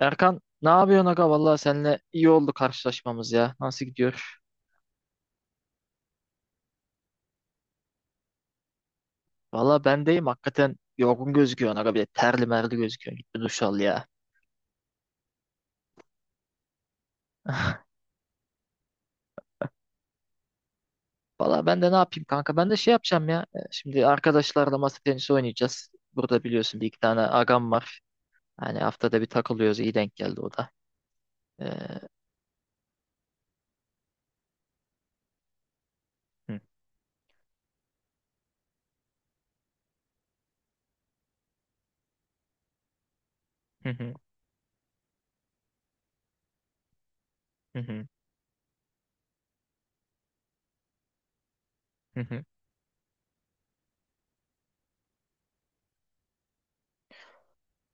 Erkan ne yapıyorsun aga? Valla seninle iyi oldu karşılaşmamız ya. Nasıl gidiyor? Valla ben deyim hakikaten yorgun gözüküyorsun aga bir de terli merli gözüküyorsun. Git bir duş al ya. Valla ben de ne yapayım kanka? Ben de şey yapacağım ya. Şimdi arkadaşlarla masa tenisi oynayacağız. Burada biliyorsun bir iki tane agam var. Hani haftada bir takılıyoruz. İyi denk geldi o da. E, hı, hı, hı, hı, hı, hı.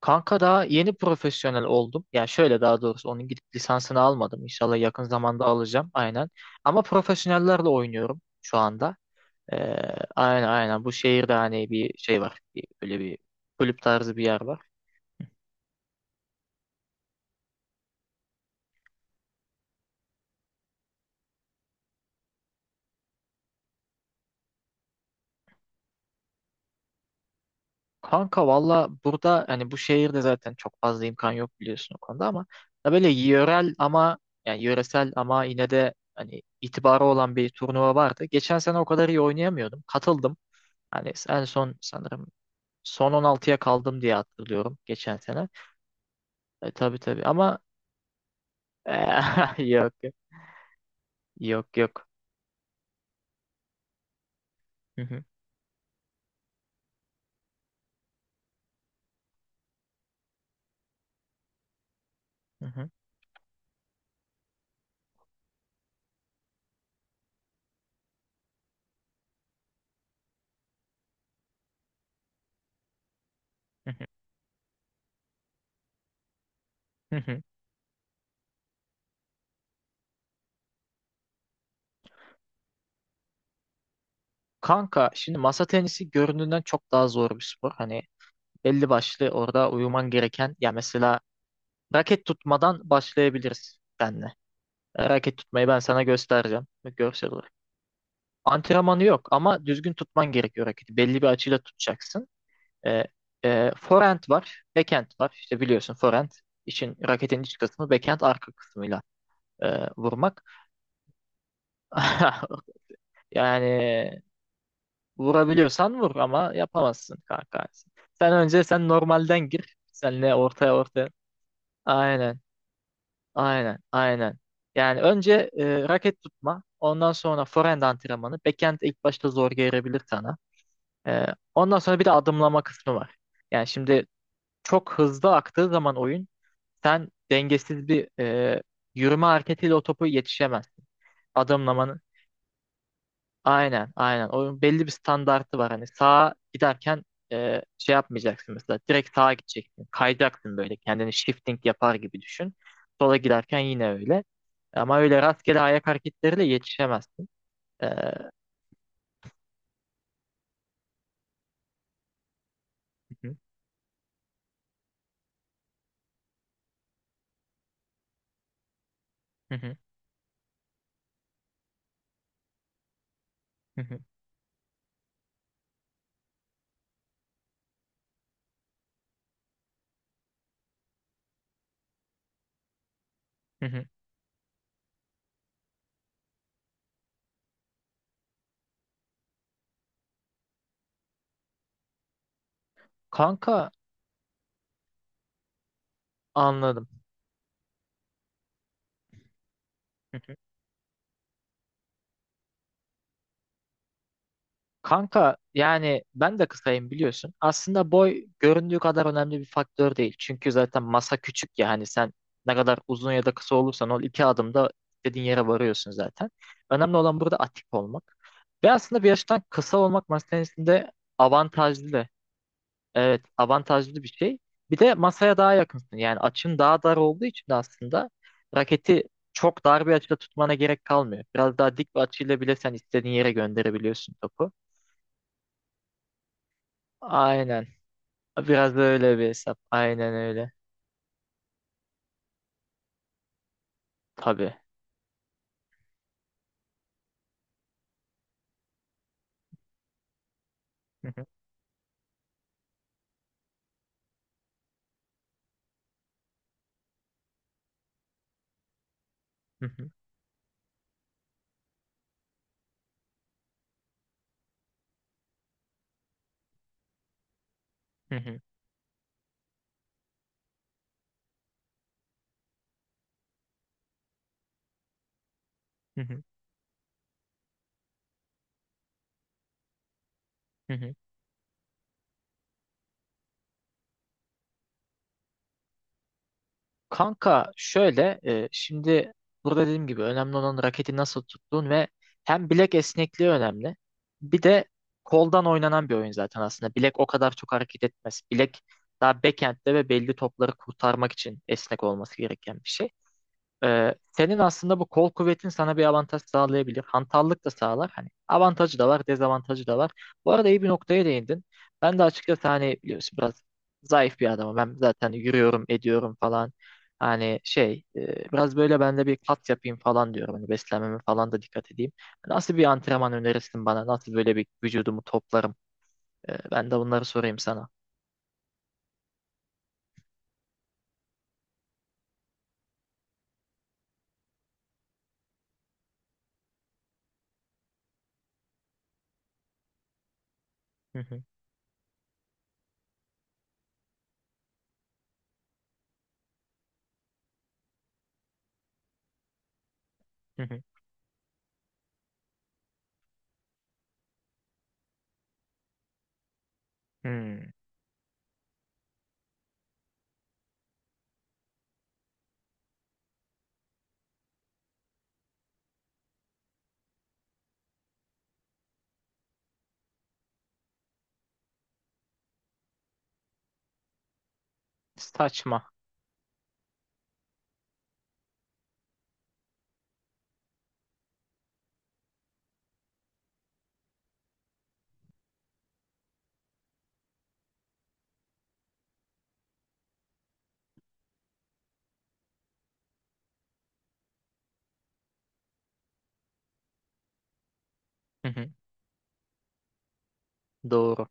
Kanka daha yeni profesyonel oldum. Yani şöyle daha doğrusu onun gidip lisansını almadım. İnşallah yakın zamanda alacağım. Aynen. Ama profesyonellerle oynuyorum şu anda. Ee, aynen aynen. Bu şehirde hani bir şey var. Bir, böyle bir kulüp tarzı bir yer var. Kanka valla burada hani bu şehirde zaten çok fazla imkan yok biliyorsun o konuda ama da böyle yörel ama yani yöresel ama yine de hani itibarı olan bir turnuva vardı. Geçen sene o kadar iyi oynayamıyordum. Katıldım. Hani en son sanırım son 16'ya kaldım diye hatırlıyorum geçen sene. Tabii tabii ama yok yok yok. Yok. Hı hı, hı hı, hı hı, hı hı. Kanka şimdi masa tenisi göründüğünden çok daha zor bir spor. Hani belli başlı orada uyuman gereken ya mesela raket tutmadan başlayabiliriz seninle. Raket tutmayı ben sana göstereceğim görsel olarak. Antrenmanı yok ama düzgün tutman gerekiyor raketi. Belli bir açıyla tutacaksın. E, forehand var, backhand var. İşte biliyorsun forehand için raketin iç kısmı, backhand arka kısmıyla vurmak. Yani vurabiliyorsan vur ama yapamazsın kanka. Sen önce normalden gir. Senle ortaya ortaya. Aynen. Aynen, aynen. Yani önce raket tutma, ondan sonra forehand antrenmanı. Backhand ilk başta zor gelebilir sana. E, ondan sonra bir de adımlama kısmı var. Yani şimdi çok hızlı aktığı zaman oyun, sen dengesiz bir yürüme hareketiyle o topu yetişemezsin. Adımlaman aynen, aynen. Oyun belli bir standartı var. Hani sağa giderken şey yapmayacaksın mesela. Direkt sağa gideceksin. Kayacaksın böyle. Kendini shifting yapar gibi düşün. Sola giderken yine öyle. Ama öyle rastgele ayak hareketleriyle yetişemezsin. E, hı hı, hı hı, hı hı, hı hı. Kanka anladım. Kanka yani ben de kısayım biliyorsun. Aslında boy göründüğü kadar önemli bir faktör değil. Çünkü zaten masa küçük ya hani sen ne kadar uzun ya da kısa olursan ol iki adımda istediğin yere varıyorsun zaten. Önemli olan burada atik olmak. Ve aslında bir yaştan kısa olmak masa tenisinde avantajlı. Evet avantajlı bir şey. Bir de masaya daha yakınsın. Yani açın daha dar olduğu için de aslında raketi çok dar bir açıda tutmana gerek kalmıyor. Biraz daha dik bir açıyla bile sen istediğin yere gönderebiliyorsun topu. Aynen. Biraz da öyle bir hesap. Aynen öyle. Tabii. Hı hı, hı hı, hı hı, hı hı, hı hı. Kanka şöyle şimdi burada dediğim gibi önemli olan raketi nasıl tuttuğun ve hem bilek esnekliği önemli. Bir de koldan oynanan bir oyun zaten aslında. Bilek o kadar çok hareket etmez. Bilek daha backhand'de ve belli topları kurtarmak için esnek olması gereken bir şey. Senin aslında bu kol kuvvetin sana bir avantaj sağlayabilir. Hantallık da sağlar. Hani avantajı da var, dezavantajı da var. Bu arada iyi bir noktaya değindin. Ben de açıkçası hani biliyorsun biraz zayıf bir adamım. Ben zaten yürüyorum, ediyorum falan. Hani şey, biraz böyle ben de bir kat yapayım falan diyorum. Hani beslenmeme falan da dikkat edeyim. Nasıl bir antrenman önerirsin bana? Nasıl böyle bir vücudumu toplarım? Ben de bunları sorayım sana. Hı hı, hı hı. Hmm. Saçma. Hı hı. Doğru.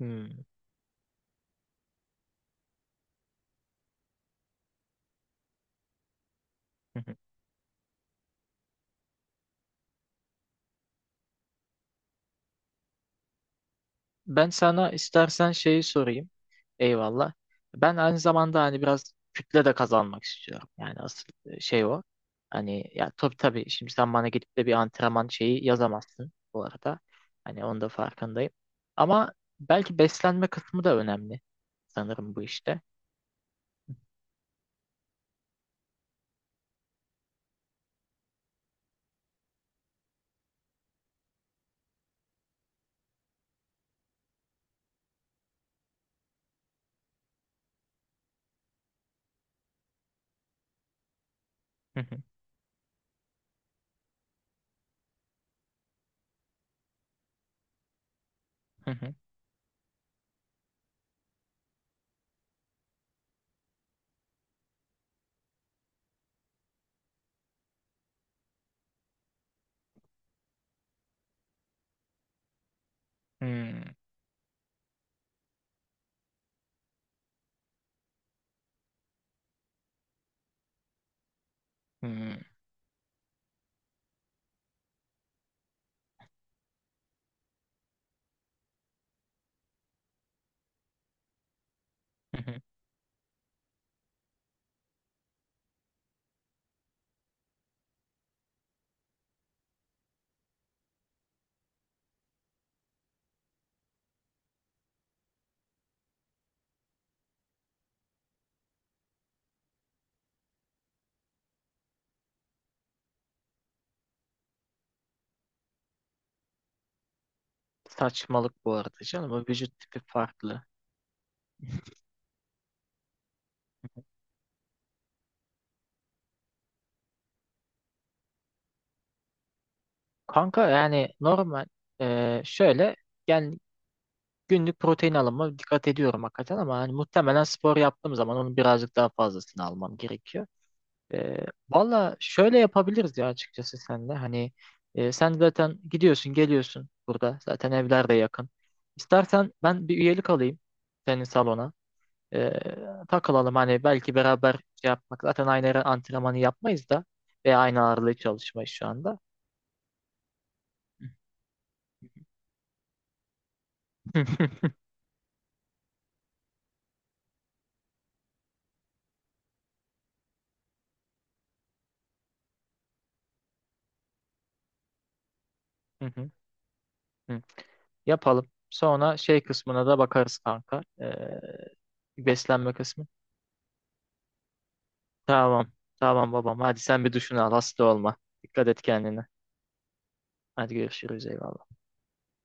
Hmm. Hı hı. Ben sana istersen şeyi sorayım. Eyvallah. Ben aynı zamanda hani biraz kütle de kazanmak istiyorum. Yani asıl şey o. Hani ya tabii tabii şimdi sen bana gidip de bir antrenman şeyi yazamazsın bu arada. Hani onun da farkındayım. Ama belki beslenme kısmı da önemli sanırım bu işte. Hı hı, hı hı, hmm, hmm, hı hı. Saçmalık bu arada canım. O vücut tipi farklı. Kanka yani normal şöyle yani günlük protein alımı dikkat ediyorum hakikaten ama hani muhtemelen spor yaptığım zaman onun birazcık daha fazlasını almam gerekiyor. Valla şöyle yapabiliriz ya açıkçası senle. Hani sen zaten gidiyorsun geliyorsun burada. Zaten evler de yakın. İstersen ben bir üyelik alayım senin salona. Ee, takılalım hani belki beraber şey yapmak. Zaten aynı ara antrenmanı yapmayız da. Ve aynı ağırlığı çalışmayız şu anda. Hı hı, hı hı. Hı. Yapalım. Sonra şey kısmına da bakarız kanka. Beslenme kısmı. Tamam. Tamam babam. Hadi sen bir duşunu al. Hasta olma. Dikkat et kendine. Hadi görüşürüz. Eyvallah.